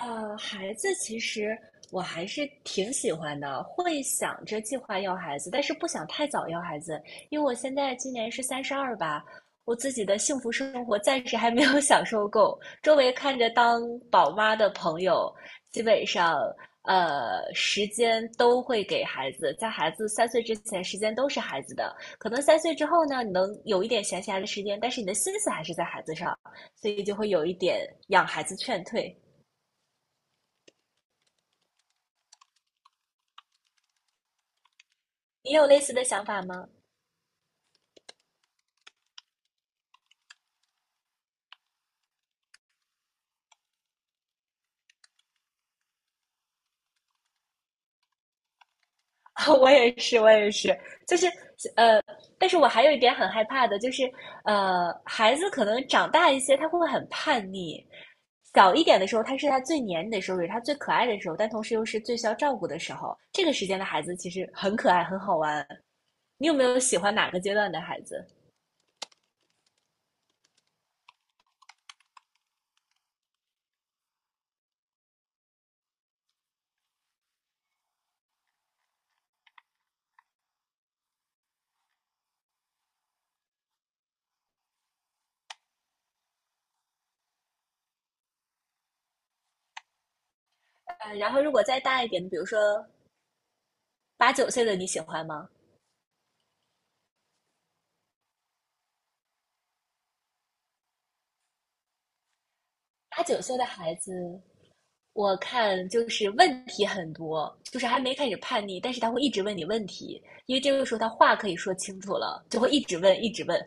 孩子其实我还是挺喜欢的，会想着计划要孩子，但是不想太早要孩子，因为我现在今年是32吧，我自己的幸福生活暂时还没有享受够。周围看着当宝妈的朋友，基本上时间都会给孩子，在孩子三岁之前，时间都是孩子的。可能三岁之后呢，你能有一点闲暇的时间，但是你的心思还是在孩子上，所以就会有一点养孩子劝退。你有类似的想法吗？我也是，我也是，就是呃，但是我还有一点很害怕的，就是孩子可能长大一些，他会很叛逆。小一点的时候，他是他最黏你的时候，也是他最可爱的时候，但同时又是最需要照顾的时候。这个时间的孩子其实很可爱，很好玩。你有没有喜欢哪个阶段的孩子？然后如果再大一点，比如说八九岁的，你喜欢吗？八九岁的孩子，我看就是问题很多，就是还没开始叛逆，但是他会一直问你问题，因为这个时候他话可以说清楚了，就会一直问，一直问。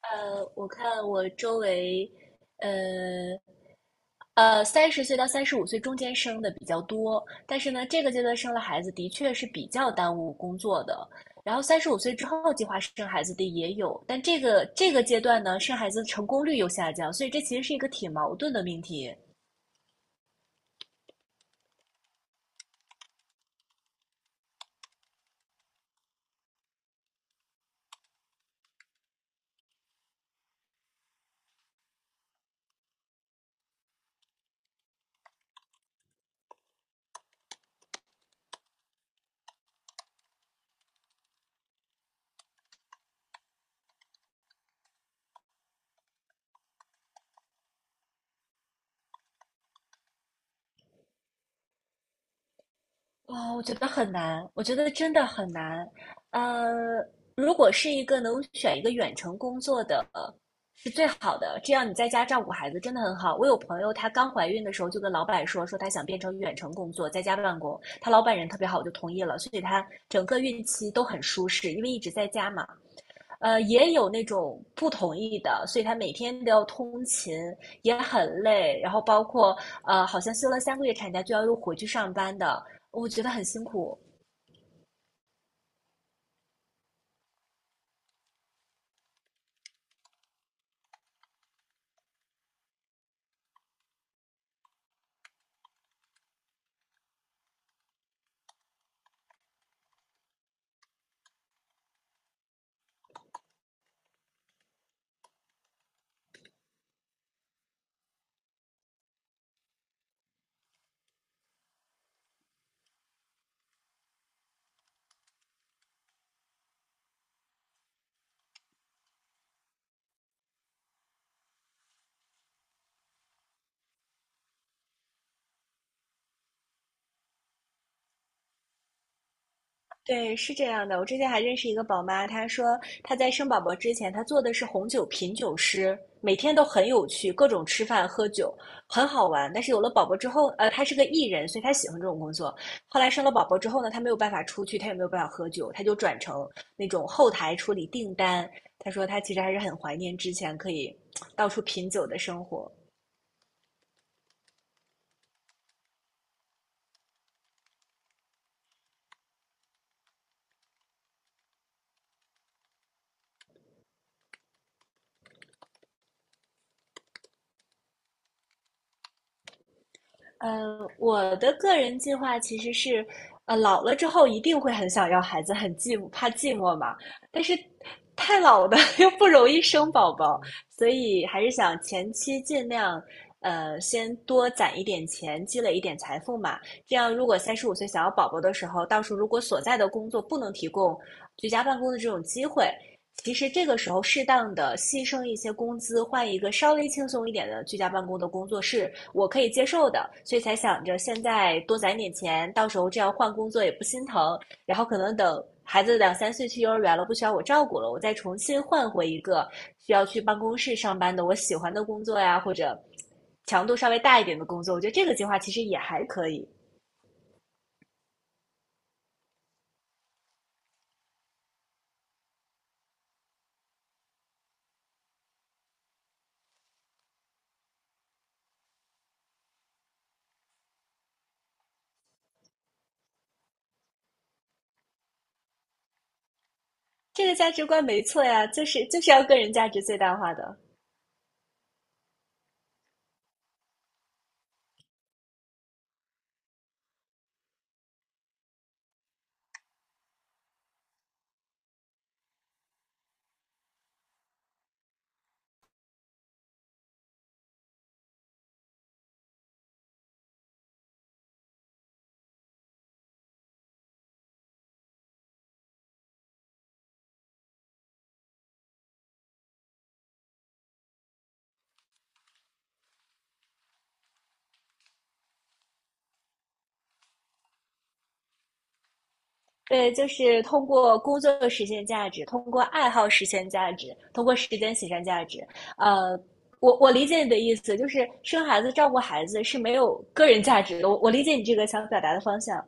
我看我周围，呃30岁到35岁中间生的比较多，但是呢，这个阶段生了孩子的确是比较耽误工作的。然后三十五岁之后计划生孩子的也有，但这个阶段呢，生孩子成功率又下降，所以这其实是一个挺矛盾的命题。哦，我觉得很难，我觉得真的很难。呃，如果是一个能选一个远程工作的，是最好的。这样你在家照顾孩子真的很好。我有朋友，她刚怀孕的时候就跟老板说，说她想变成远程工作，在家办公。她老板人特别好，就同意了，所以她整个孕期都很舒适，因为一直在家嘛。也有那种不同意的，所以他每天都要通勤，也很累。然后包括好像休了3个月产假就要又回去上班的，我觉得很辛苦。对，是这样的。我之前还认识一个宝妈，她说她在生宝宝之前，她做的是红酒品酒师，每天都很有趣，各种吃饭喝酒，很好玩。但是有了宝宝之后，她是个艺人，所以她喜欢这种工作。后来生了宝宝之后呢，她没有办法出去，她也没有办法喝酒，她就转成那种后台处理订单。她说她其实还是很怀念之前可以 到处品酒的生活。我的个人计划其实是，老了之后一定会很想要孩子，很寂寞，怕寂寞嘛。但是太老的 又不容易生宝宝，所以还是想前期尽量，先多攒一点钱，积累一点财富嘛。这样，如果三十五岁想要宝宝的时候，到时候如果所在的工作不能提供居家办公的这种机会，其实这个时候适当的牺牲一些工资，换一个稍微轻松一点的居家办公的工作是我可以接受的，所以才想着现在多攒点钱，到时候这样换工作也不心疼，然后可能等孩子两三岁去幼儿园了，不需要我照顾了，我再重新换回一个需要去办公室上班的我喜欢的工作呀，或者强度稍微大一点的工作，我觉得这个计划其实也还可以，这个价值观没错呀，就是要个人价值最大化的。对，就是通过工作实现价值，通过爱好实现价值，通过时间实现价值。呃，我理解你的意思，就是生孩子、照顾孩子是没有个人价值的。我理解你这个想表达的方向，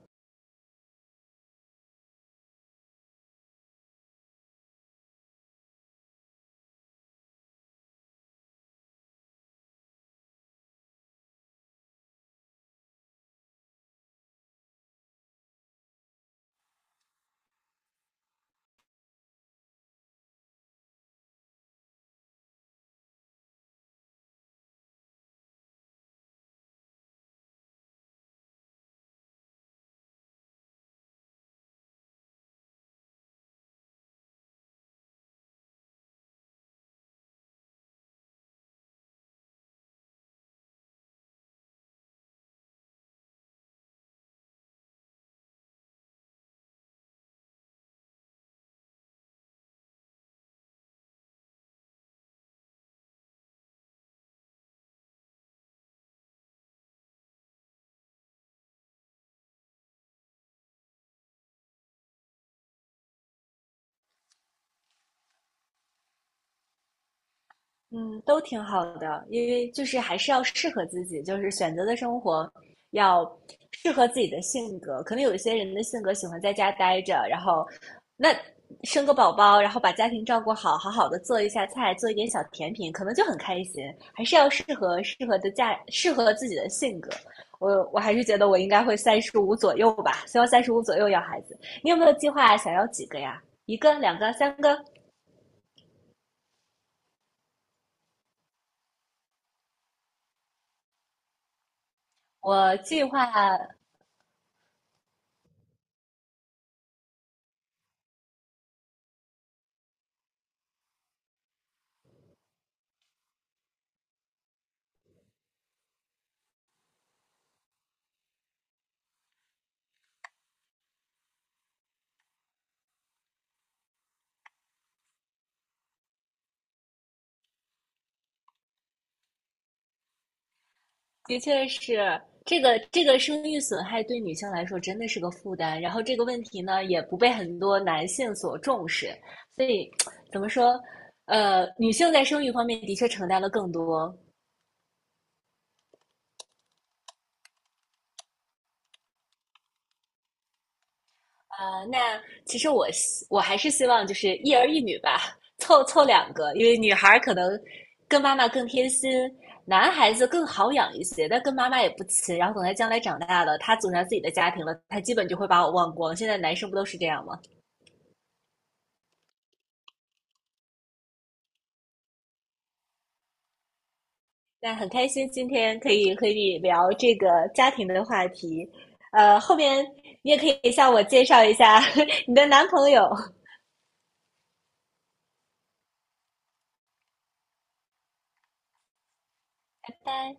嗯，都挺好的，因为就是还是要适合自己，就是选择的生活要适合自己的性格。可能有一些人的性格喜欢在家待着，然后那生个宝宝，然后把家庭照顾好，好好的做一下菜，做一点小甜品，可能就很开心。还是要适合自己的性格。我还是觉得我应该会三十五左右吧，希望三十五左右要孩子。你有没有计划想要几个呀？一个、两个、三个？我计划的确是这个这个生育损害对女性来说真的是个负担，然后这个问题呢也不被很多男性所重视，所以怎么说，女性在生育方面的确承担了更多啊、那其实我还是希望就是一儿一女吧，凑凑两个，因为女孩可能跟妈妈更贴心。男孩子更好养一些，但跟妈妈也不亲。然后等他将来长大了，他组成自己的家庭了，他基本就会把我忘光。现在男生不都是这样吗？那很开心今天可以和你聊这个家庭的话题，后面你也可以向我介绍一下 你的男朋友。拜拜。